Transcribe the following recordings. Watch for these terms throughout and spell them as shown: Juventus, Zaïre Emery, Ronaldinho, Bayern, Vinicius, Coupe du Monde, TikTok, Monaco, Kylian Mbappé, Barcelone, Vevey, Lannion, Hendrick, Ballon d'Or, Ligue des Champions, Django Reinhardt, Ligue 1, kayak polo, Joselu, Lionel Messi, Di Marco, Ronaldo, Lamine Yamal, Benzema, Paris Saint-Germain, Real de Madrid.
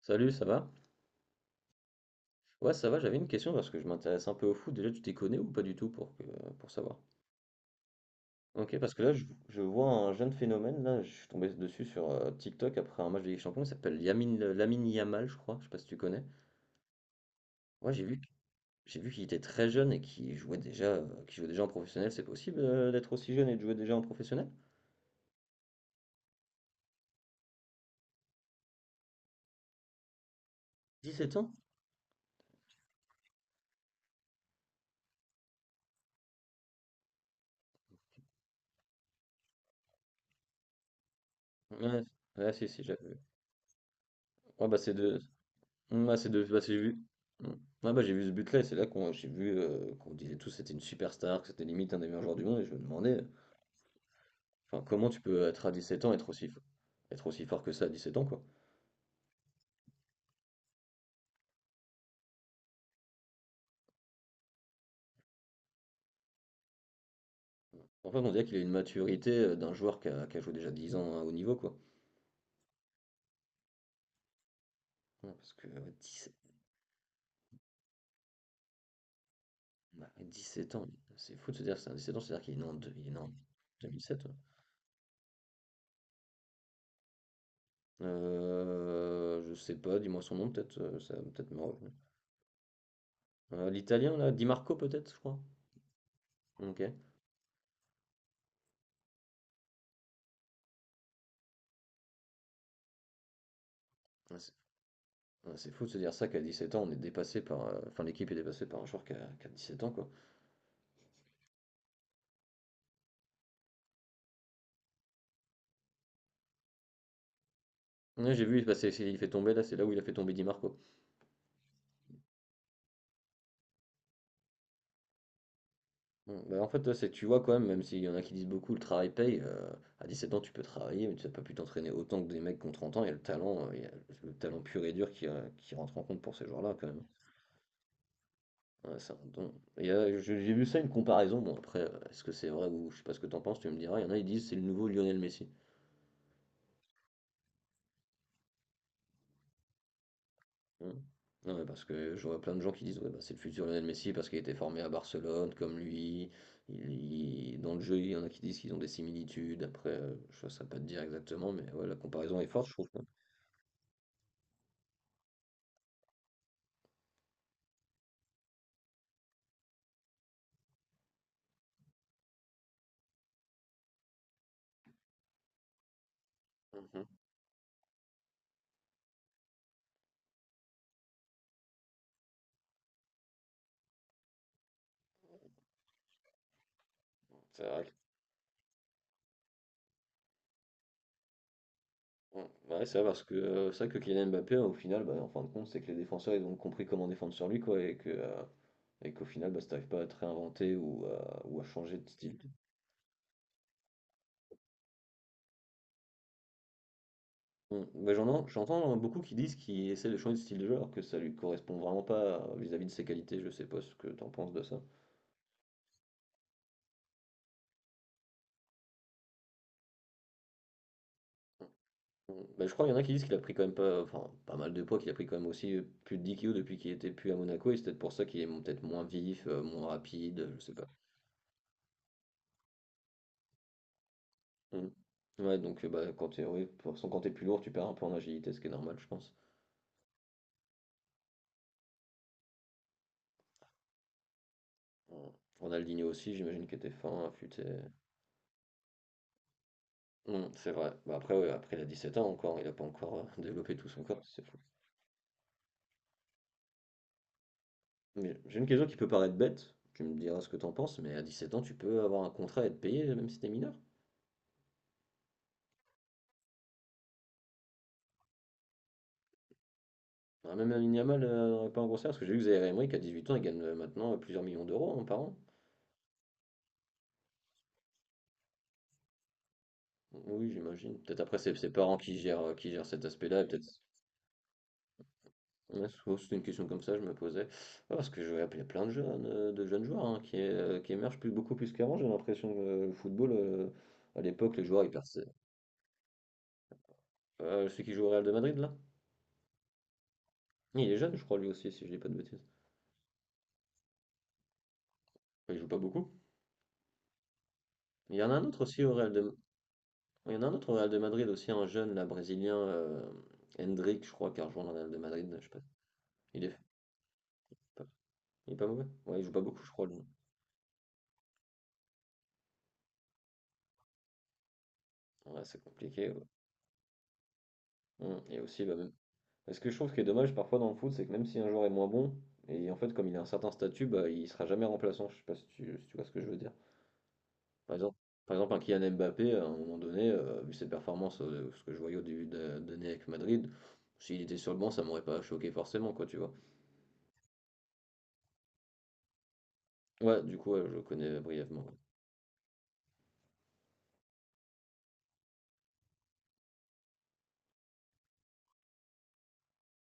Salut, ça va? Ouais, ça va, j'avais une question parce que je m'intéresse un peu au foot. Déjà, tu t'y connais ou pas du tout pour que, pour savoir? Ok, parce que là, je vois un jeune phénomène. Là, je suis tombé dessus sur TikTok après un match de Ligue des Champions. Il s'appelle Lamine Yamal, je crois. Je sais pas si tu connais. Ouais, j'ai vu qu'il était très jeune et qu'il jouait déjà en professionnel. C'est possible d'être aussi jeune et de jouer déjà en professionnel? 17 ans? Ouais, ouais, si, si, j'avais vu. Ouais, bah, c'est de, mmh, ouais, c'est de bah, j'ai vu mmh. Ouais, bah, j'ai vu ce but-là et c'est là qu'on j'ai vu, qu'on disait tous que c'était une superstar, que c'était limite un des meilleurs joueurs du monde et je me demandais, comment tu peux être à 7 ans, être aussi fort que ça à 17 ans, quoi? En fait, on dirait qu'il a une maturité, d'un joueur qui a joué déjà 10 ans à haut niveau, quoi. Ouais, parce que 17 bah, 7 ans, c'est fou de se dire que c'est 17 ans, c'est-à-dire qu'il est né en 2007, ouais. Je sais pas, dis-moi son nom peut-être, ça va peut-être me revenir. L'italien là, Di Marco peut-être, je crois? OK. Ouais, ouais, c'est fou de se dire ça qu'à 17 ans, on est dépassé par. Enfin, l'équipe est dépassée par un joueur qui a 17 ans, quoi. Ouais, j'ai vu, il fait tomber, là, c'est là où il a fait tomber Di Marco. Bon, bah, en fait, là, c'est, tu vois, quand même, même s'il y en a qui disent beaucoup, le travail paye. À 17 ans, tu peux travailler, mais tu n'as pas pu t'entraîner autant que des mecs qui ont 30 ans. Il y a le talent, il y a le talent pur et dur qui rentre en compte pour ces joueurs-là, quand même. Ouais, c'est un don. Et, j'ai vu ça, une comparaison. Bon, après, est-ce que c'est vrai ou je sais pas ce que t'en penses, tu me diras. Il y en a, ils disent c'est le nouveau Lionel Messi. Mmh. Non, mais parce que je vois plein de gens qui disent, ouais, bah, c'est le futur Lionel Messi parce qu'il a été formé à Barcelone, comme lui. Il, dans le jeu, il y en a qui disent qu'ils ont des similitudes. Après, je ne saurais pas te dire exactement, mais ouais, la comparaison est forte, je trouve, hein. Mhm. C'est vrai. Ouais, bah ouais, c'est vrai parce que c'est vrai que Kylian Mbappé, au final, bah, en fin de compte, c'est que les défenseurs, ils ont compris comment défendre sur lui, quoi, et que, et qu'au final, bah, si t'arrives pas à te réinventer ou à changer de style. Mm. Bah, j'entends beaucoup qui disent qu'il essaie de changer de style de jeu alors que ça lui correspond vraiment pas vis-à-vis de ses qualités. Je sais pas ce que t'en penses de ça. Mm. Bah, je crois qu'il y en a qui disent qu'il a pris quand même pas, enfin, pas mal de poids, qu'il a pris quand même aussi plus de 10 kilos depuis qu'il était plus à Monaco et c'est peut-être pour ça qu'il est peut-être moins vif, moins rapide, je sais pas. Mm. Ouais, donc bah, quand t'es, oui, de toute façon, quand t'es plus lourd, tu perds un peu en agilité, ce qui est normal, je pense. Mm. Ronaldinho aussi, j'imagine qu'il était fin, affûté. Mm, c'est vrai. Bah, après, ouais, après, il a 17 ans encore, il a pas encore développé tout son corps, c'est mais j'ai une question qui peut paraître bête, tu me diras ce que t'en penses, mais à 17 ans, tu peux avoir un contrat et être payé, même si t'es mineur. Ah, même Lamine Yamal n'aurait pas un gros salaire, parce que j'ai vu que Zaïre Emery, qu'à 8 ans, il gagne maintenant plusieurs millions d'euros hein, par an. Oui, j'imagine. Peut-être après, c'est ses parents qui gèrent cet aspect-là, et peut-être... Ouais, c'était une question comme ça, je me posais. Ah, parce que je vois, il plein de jeunes joueurs hein, qui émergent plus, beaucoup plus qu'avant, j'ai l'impression que le football, à l'époque, les joueurs, ils perçaient. Celui qui joue au Real de Madrid, là? Il est jeune, je crois, lui aussi, si je dis pas de bêtises. Il joue pas beaucoup. Il y en a un autre aussi au Real de... Il y en a un autre au Real de Madrid aussi, un jeune, là, brésilien, Hendrick, je crois, qui a rejoint le Real de Madrid. Je sais pas. Il est pas, il est pas mauvais. Ouais, il joue pas beaucoup, je crois, lui. Ouais, c'est compliqué, ouais. Et aussi, bah, même... Parce que je trouve ce qui est dommage parfois dans le foot, c'est que même si un joueur est moins bon, et en fait, comme il a un certain statut, bah, il sera jamais remplaçant. Je sais pas si tu, si tu vois ce que je veux dire. Par exemple, un Kylian Mbappé, à un moment donné, vu ses performances, ce que je voyais au début d'année avec Madrid, s'il était sur le banc, ça m'aurait pas choqué forcément, quoi, tu vois. Ouais, du coup, ouais, je connais brièvement, ouais.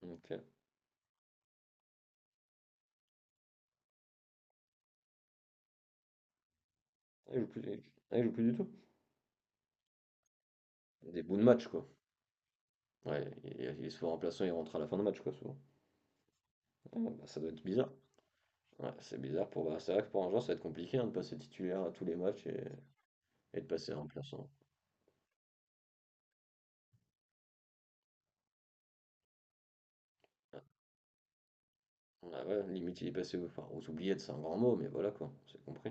Ok. Ah, il joue plus, il joue plus du tout? Des bouts de match, quoi. Ouais, il est souvent remplaçant, il rentre à la fin de match, quoi, souvent. Ah, bah, ça doit être bizarre. Ouais, c'est bizarre pour. Bah, c'est vrai que pour un joueur, ça va être compliqué hein, de passer titulaire à tous les matchs et de passer remplaçant. Ah, ah ouais, limite, il est passé aux, enfin, aux oubliettes, c'est un grand mot, mais voilà, quoi, c'est compris.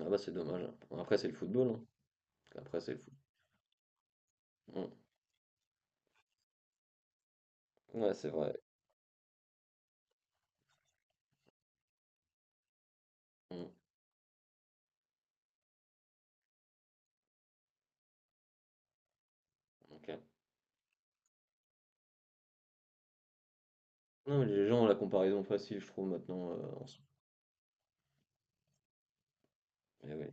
Ah bah, c'est dommage, hein. Après, c'est le football, hein. Après, c'est le foot. Hum. Ouais, c'est vrai. Hum. Ok. Non, mais les gens ont la comparaison facile, je trouve, maintenant. Eh oui.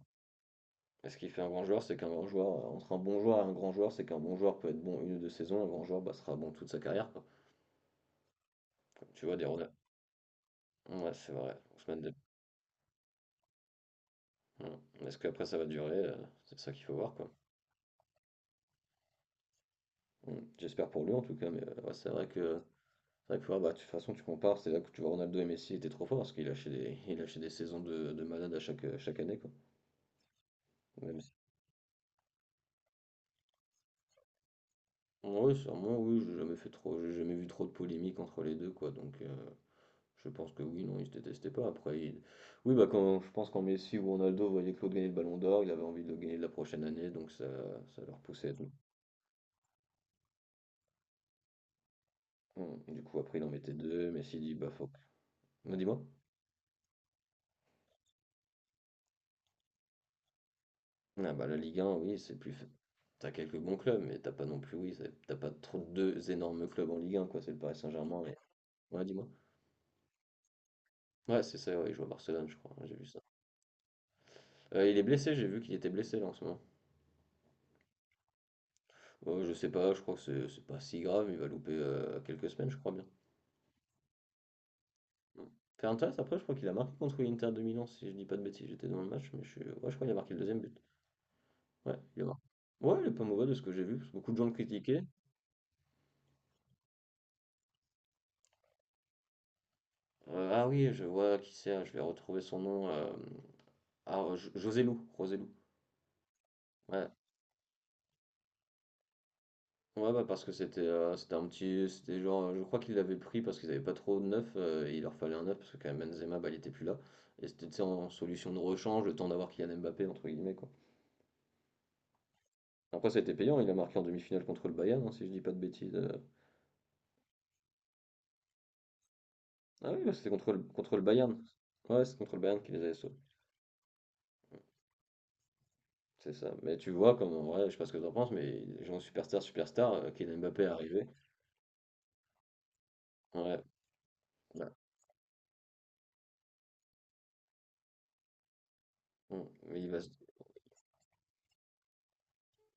Ce qui fait un grand joueur, c'est qu'un grand joueur, entre un bon joueur et un grand joueur, c'est qu'un bon joueur peut être bon une ou deux saisons, un grand joueur bah, sera bon toute sa carrière, quoi. Tu vois, des Ronald. Ouais, c'est vrai. Ouais. Est-ce qu'après ça va durer? C'est ça qu'il faut voir, quoi. Mm. J'espère pour lui en tout cas, mais ouais, c'est vrai que faut voir, bah, de toute façon tu compares, c'est là que tu vois Ronaldo et Messi étaient trop forts parce qu'il il lâchait des saisons de malade à chaque, chaque année, quoi. Même si- Oui, sûrement, oui, j'ai jamais fait trop, j'ai jamais vu trop de polémiques entre les deux, quoi, donc, je pense que oui, non, ils se détestaient pas. Après, oui, bah quand je pense qu'en Messi ou Ronaldo voyait Claude gagner le Ballon d'Or, il avait envie de le gagner la prochaine année, donc ça leur poussait. Du coup, après, il en mettait deux. Messi dit, bah faut. Non, dis-moi. Ah bah la Ligue 1, oui, c'est plus. T'as quelques bons clubs, mais t'as pas non plus, oui, t'as pas trop deux énormes clubs en Ligue 1, quoi. C'est le Paris Saint-Germain. Ouais, dis-moi. Ouais, c'est ça. Ouais, il joue à Barcelone, je crois, hein. J'ai vu ça. Il est blessé. J'ai vu qu'il était blessé là en ce moment. Je sais pas. Je crois que c'est pas si grave. Il va louper quelques semaines, je crois bien. Fernandes après je crois qu'il a marqué contre l'Inter de Milan si je dis pas de bêtises, j'étais dans le match mais ouais je crois qu'il a marqué le deuxième but. Ouais, il a marqué. Ouais, il est pas mauvais de ce que j'ai vu, parce que beaucoup de gens le critiquaient. Ah oui, je vois qui c'est, je vais retrouver son nom, hem, ah, Jo José Joselu. Ouais. Ouais, bah, parce que c'était, c'était un petit c'était genre, je crois qu'ils l'avaient pris parce qu'ils avaient pas trop de neuf, et il leur fallait un neuf parce que quand même Benzema, bah, il était plus là et c'était, tu sais, en solution de rechange, le temps d'avoir Kylian Mbappé entre guillemets, quoi. Après ça a été payant, il a marqué en demi-finale contre le Bayern, hein, si je dis pas de bêtises, Ah oui, ouais, c'était contre le Bayern. Ouais, c'est contre le Bayern qui les avait sauvés. C'est ça. Mais tu vois, comme en vrai, je sais pas ce que t'en penses, mais les gens superstar, superstar, Kylian Mbappé est arrivé. Ouais, ouais. Mm. Mais il va...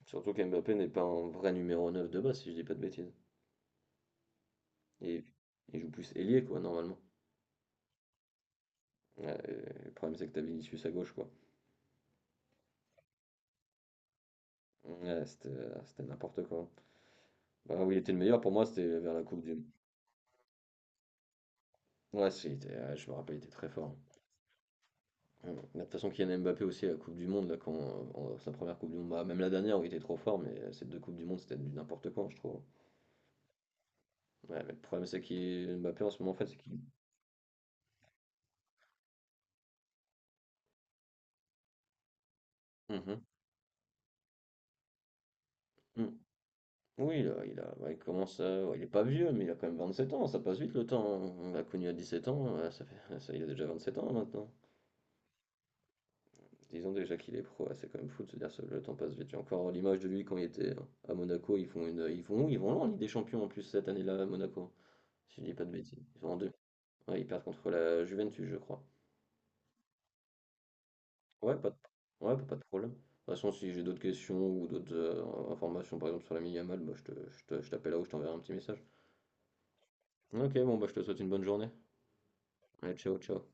Surtout qu'Mbappé n'est pas un vrai numéro 9 de base, si je dis pas de bêtises. Et il joue plus ailier, quoi, normalement. Ouais, et le problème, c'est que t'as Vinicius à gauche, quoi. Ouais, c'était n'importe quoi. Bah, où il était le meilleur, pour moi, c'était vers la Coupe du... Ouais, si, ouais, je me rappelle, il était très fort. Mmh. Mais de toute façon, Kylian Mbappé aussi la Coupe du Monde, là, quand, sa première Coupe du Monde, bah, même la dernière où il était trop fort, mais ces deux Coupes du Monde, c'était du n'importe quoi, je trouve. Ouais, mais le problème, c'est qu'il Mbappé en ce moment, en fait, c'est qu'il. Mhm. Mm. Oui, ouais, ouais, il est pas vieux, mais il a quand même 27 ans, ça passe vite le temps. On l'a connu à 17 ans, ouais, ça fait, ça, il a déjà 27 ans hein, maintenant. Disons déjà qu'il est pro, ouais, c'est quand même fou de se dire que le temps passe vite. J'ai encore l'image de lui quand il était à Monaco, ils font une, ils vont où? Ils vont loin en Ligue des Champions en plus cette année-là à Monaco, si je dis pas de bêtises. Ils sont en deux. Ouais, ils perdent contre la Juventus, je crois. Ouais, pas de, ouais, pas de problème. De toute façon, si j'ai d'autres questions ou d'autres informations, par exemple sur la Yamal, bah, je te, je t'appelle là ou je t'enverrai un petit message. Ok, bon, bah, je te souhaite une bonne journée. Allez, ciao, ciao.